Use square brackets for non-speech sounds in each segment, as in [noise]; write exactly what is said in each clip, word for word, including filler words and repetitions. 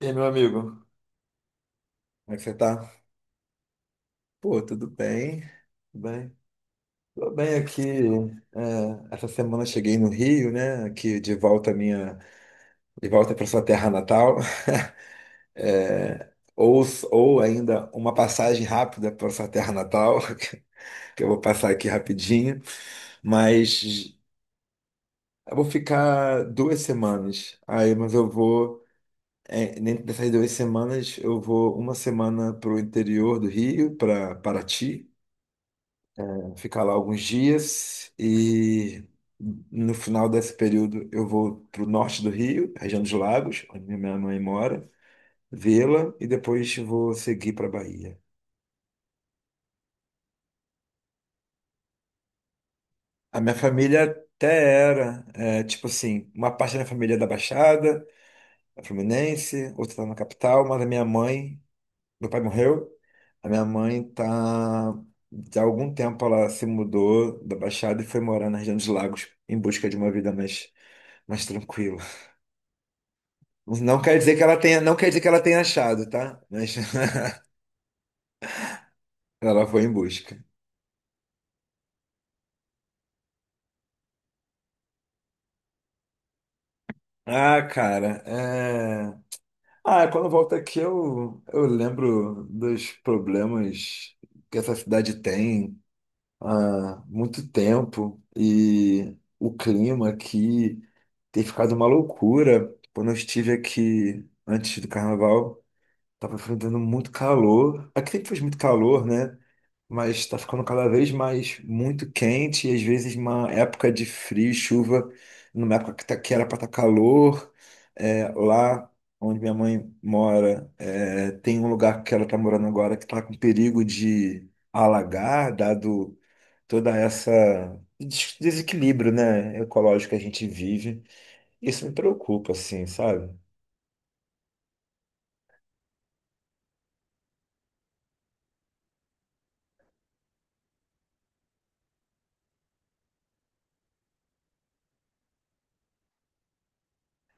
E aí, meu amigo, como é que você tá? Pô, tudo bem? Tudo bem? Tô bem aqui. É, essa semana eu cheguei no Rio, né? Aqui de volta à minha, de volta para sua terra natal. [laughs] É, ou, ou ainda uma passagem rápida para sua terra natal, [laughs] que eu vou passar aqui rapidinho. Mas eu vou ficar duas semanas. Aí, mas eu vou, é, dentro dessas duas semanas, eu vou uma semana para o interior do Rio, para Paraty, ficar lá alguns dias e no final desse período eu vou para o norte do Rio, região dos Lagos, onde minha mãe mora, vê-la e depois vou seguir para a Bahia. A minha família até era, é, tipo assim, uma parte da minha família é da Baixada, é Fluminense, outra está na capital, mas a minha mãe, meu pai morreu, a minha mãe tá de algum tempo ela se mudou da Baixada e foi morar na região dos Lagos em busca de uma vida mais, mais tranquila. Não quer dizer que ela tenha, não quer dizer que ela tenha achado, tá? Mas [laughs] ela foi em busca. Ah, cara, é... Ah, quando eu volto aqui eu, eu lembro dos problemas que essa cidade tem há muito tempo, e o clima aqui tem ficado uma loucura. Quando eu estive aqui antes do carnaval, tava enfrentando muito calor. Aqui sempre faz muito calor, né? Mas tá ficando cada vez mais muito quente e às vezes uma época de frio, e chuva, numa época que, tá, que era para estar calor. É, lá onde minha mãe mora, é, tem um lugar que ela tá morando agora que tá com perigo de alagar, dado toda essa des- desequilíbrio, né, ecológico que a gente vive. Isso me preocupa, assim, sabe?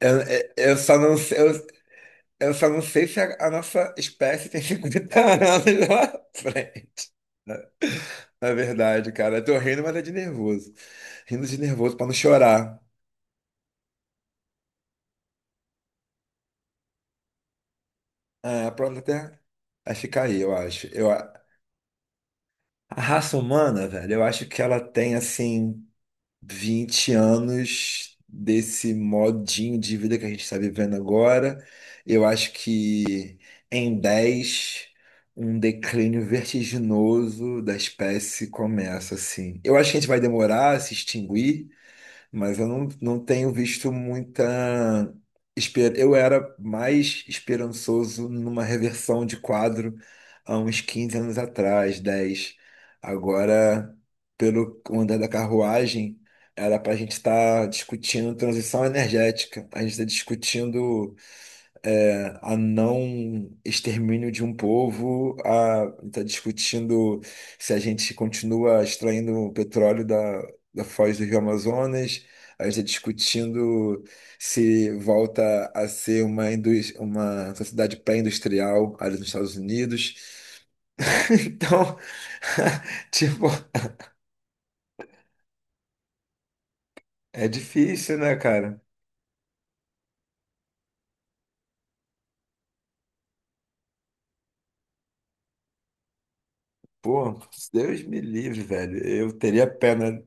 Eu, eu eu só não sei. Eu só não sei se a, a nossa espécie tem [laughs] cinquenta anos lá na frente. Na na verdade, cara, eu tô rindo, mas é de nervoso. Rindo de nervoso pra não chorar. É, pronto, até. Aí fica aí, eu acho. Eu, a a raça humana, velho, eu acho que ela tem assim vinte anos desse modinho de vida que a gente está vivendo agora. Eu acho que em dez um declínio vertiginoso da espécie começa, assim. Eu acho que a gente vai demorar a se extinguir, mas eu não, não tenho visto muita. esper- Eu era mais esperançoso numa reversão de quadro há uns quinze anos atrás, dez agora, pelo andar da carruagem, era para a gente estar discutindo transição energética, a gente está discutindo é, a não extermínio de um povo, a está discutindo se a gente continua extraindo o petróleo da, da foz do Rio Amazonas, a gente está discutindo se volta a ser uma, indus- uma sociedade pré-industrial ali nos Estados Unidos. [laughs] Então, [laughs] tipo, é difícil, né, cara? Pô, Deus me livre, velho. Eu teria pena.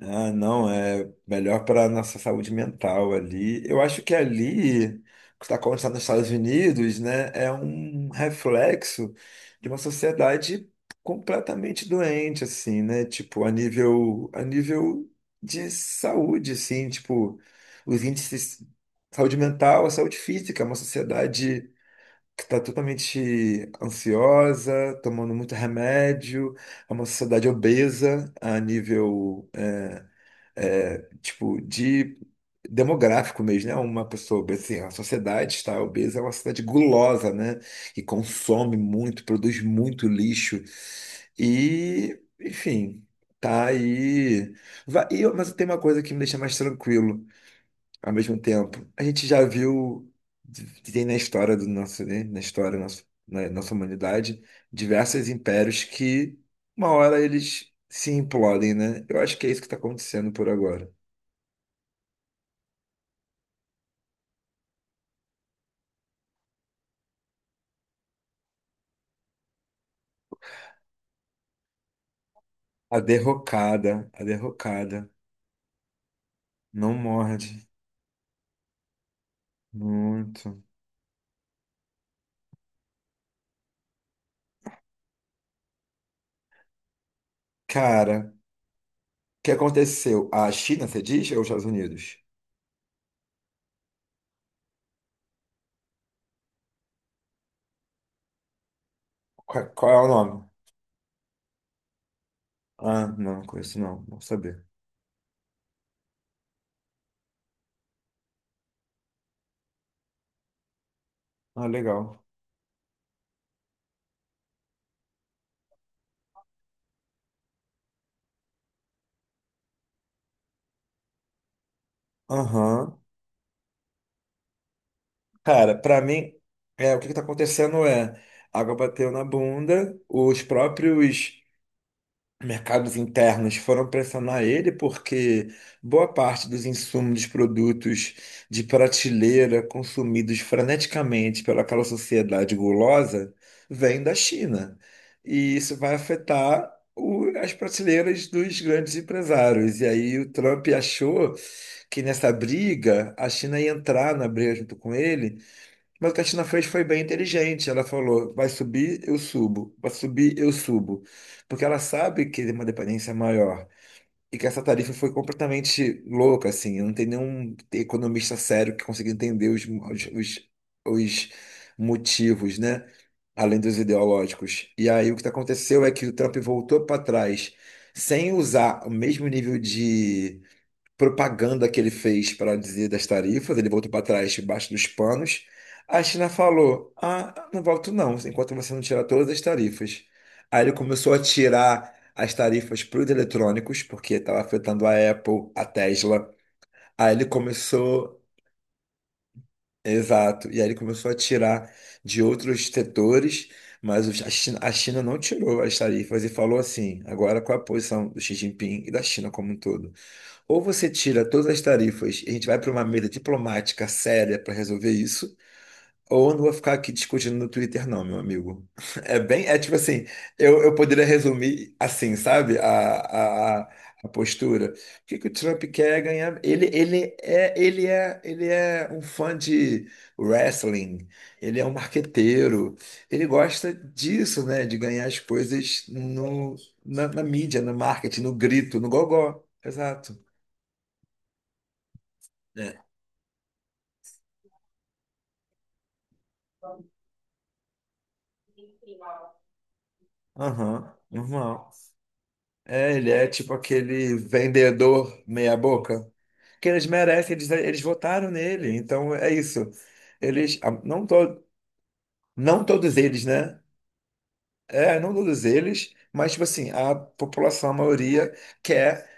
Ah, não, é melhor para a nossa saúde mental ali. Eu acho que ali, o que está acontecendo nos Estados Unidos, né, é um reflexo de uma sociedade completamente doente, assim, né? Tipo, a nível, a nível de saúde, assim, tipo, os índices de saúde mental, saúde física, é uma sociedade que está totalmente ansiosa, tomando muito remédio, é uma sociedade obesa a nível é, tipo, de demográfico mesmo, né? Uma pessoa obesa, assim, a sociedade está obesa, é uma sociedade gulosa, né? Que consome muito, produz muito lixo e, enfim, tá aí. Vai- e eu- mas tem uma coisa que me deixa mais tranquilo ao mesmo tempo. A gente já viu, tem na história do nosso, né? Na história da nossa, na nossa humanidade, diversos impérios que uma hora eles se implodem, né? Eu acho que é isso que está acontecendo por agora. A derrocada, a derrocada. Não morde. Muito. Cara, o que aconteceu? A China, você diz, ou os Estados Unidos? Qua- Qual é o nome? Ah, não, conheço não. Vou saber. Ah, legal. Aham. Cara, pra mim, é, o que que tá acontecendo é, a água bateu na bunda, os próprios mercados internos foram pressionar ele porque boa parte dos insumos dos produtos de prateleira consumidos freneticamente pelaquela sociedade gulosa vem da China. E isso vai afetar o- as prateleiras dos grandes empresários. E aí o Trump achou que nessa briga a China ia entrar na briga junto com ele, mas o que a China fez foi bem inteligente. Ela falou: vai subir, eu subo. Vai subir, eu subo. Porque ela sabe que tem uma dependência maior. E que essa tarifa foi completamente louca, assim. Não tem nenhum economista sério que consiga entender os, os, os, os motivos, né? Além dos ideológicos. E aí o que aconteceu é que o Trump voltou para trás sem usar o mesmo nível de propaganda que ele fez para dizer das tarifas, ele voltou para trás, debaixo dos panos. A China falou: ah, não volto não, enquanto você não tirar todas as tarifas. Aí ele começou a tirar as tarifas para os eletrônicos, porque estava afetando a Apple, a Tesla. Aí ele começou, exato, e aí ele começou a tirar de outros setores. Mas os- a China, a China não tirou as tarifas e falou assim, agora qual é a posição do Xi Jinping e da China como um todo? Ou você tira todas as tarifas e a gente vai para uma mesa diplomática séria para resolver isso, ou eu não vou ficar aqui discutindo no Twitter, não, meu amigo. [laughs] É bem, é tipo assim, eu, eu poderia resumir assim, sabe? A, a, a a postura. O que que o Trump quer ganhar? Ele, ele é, ele é, ele é um fã de wrestling, ele é um marqueteiro, ele gosta disso, né? De ganhar as coisas no, na, na mídia, no marketing, no grito, no gogó. Exato. Aham, normal. É, ele é tipo aquele vendedor meia-boca. Que eles merecem, eles, eles votaram nele, então é isso. Eles, ah, não, to, não todos eles, né? É, não todos eles, mas tipo assim, a população, a maioria, quer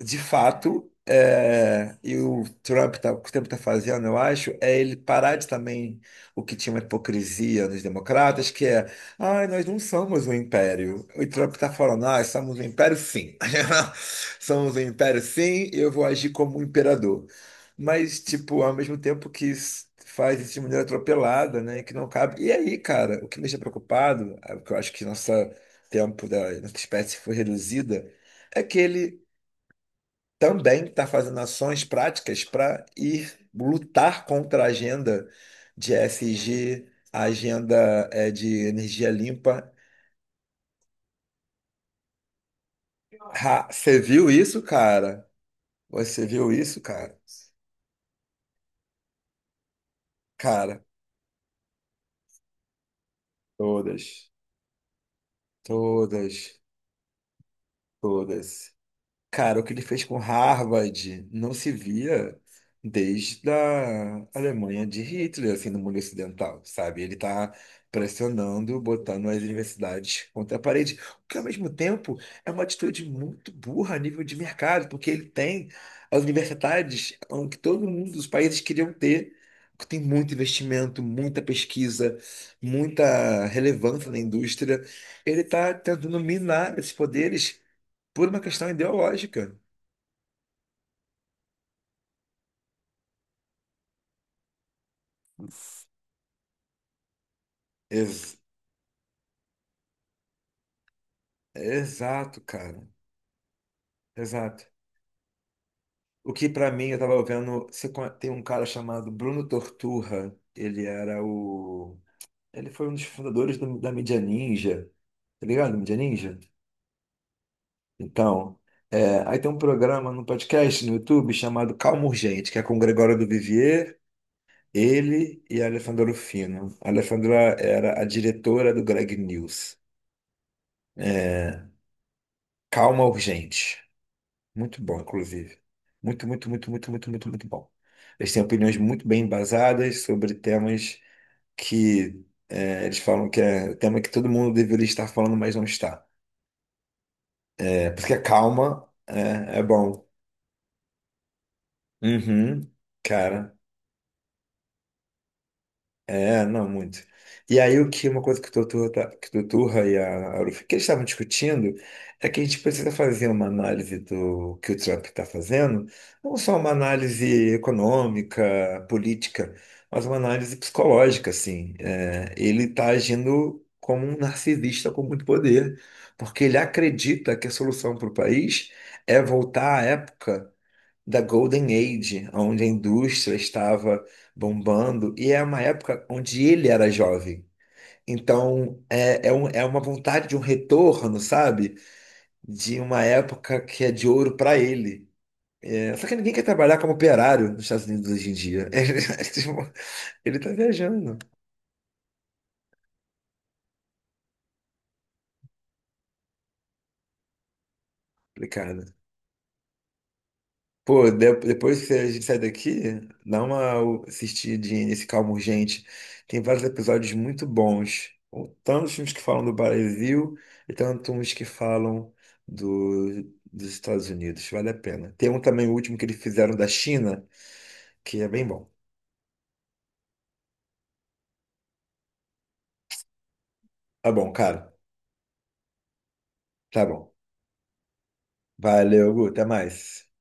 de fato, é, e o Trump, tá, o que o Trump está fazendo, eu acho, é ele parar de também o que tinha uma hipocrisia nos democratas, que é, ai, nós não somos um império. O Trump está falando, ah, somos um império sim. [laughs] Somos um império sim, e eu vou agir como um imperador. Mas, tipo, ao mesmo tempo que isso faz isso de maneira atropelada, né, que não cabe. E aí, cara, o que me deixa preocupado, é o que eu acho que nosso tempo da nossa espécie foi reduzida, é que ele também está fazendo ações práticas para ir lutar contra a agenda de E S G, a agenda eh, de energia limpa. Ha, você viu isso, cara? Você viu isso, cara? Cara, todas, todas, todas. Cara, o que ele fez com Harvard não se via desde a Alemanha de Hitler, assim, no mundo ocidental, sabe? Ele tá pressionando, botando as universidades contra a parede, o que ao mesmo tempo é uma atitude muito burra a nível de mercado, porque ele tem as universidades hum, que todo mundo dos países queriam ter, que tem muito investimento, muita pesquisa, muita relevância na indústria. Ele tá tentando minar esses poderes por uma questão ideológica. Ex- exato, cara. Exato. O que pra mim eu tava vendo, você con- tem um cara chamado Bruno Torturra, ele era o ele foi um dos fundadores do- da mídia ninja. Tá ligado? Mídia ninja? Então, é, aí tem um programa no podcast no YouTube chamado Calma Urgente, que é com o Gregório do Vivier, ele e a Alessandra Rufino. A Alessandra era a diretora do Greg News. É, Calma Urgente. Muito bom, inclusive. Muito, muito, muito, muito, muito, muito, muito bom. Eles têm opiniões muito bem embasadas sobre temas que eh, eles falam que é tema que todo mundo deveria estar falando, mas não está. É, porque a calma é, é bom. Uhum, cara. É, não, muito. E aí, o que uma coisa que o Tuturra, tá- que o Tuturra e a Arufi, que eles estavam discutindo, é que a gente precisa fazer uma análise do que o Trump está fazendo, não só uma análise econômica, política, mas uma análise psicológica, assim. É, ele está agindo como um narcisista com muito poder, porque ele acredita que a solução para o país é voltar à época da Golden Age, onde a indústria estava bombando, e é uma época onde ele era jovem. Então, é, é, um- é uma vontade de um retorno, sabe? De uma época que é de ouro para ele. É, só que ninguém quer trabalhar como operário nos Estados Unidos hoje em dia. [laughs] Ele, tipo, ele tá viajando. Complicado. Pô, de- depois que a gente sai daqui, dá uma assistidinha nesse Calma Urgente. Tem vários episódios muito bons. Tanto os filmes que falam do Brasil e tanto uns que falam do- dos Estados Unidos. Vale a pena. Tem um também, o último que eles fizeram da China, que é bem bom. Tá bom, cara. Tá bom. Valeu, Gu. Até mais.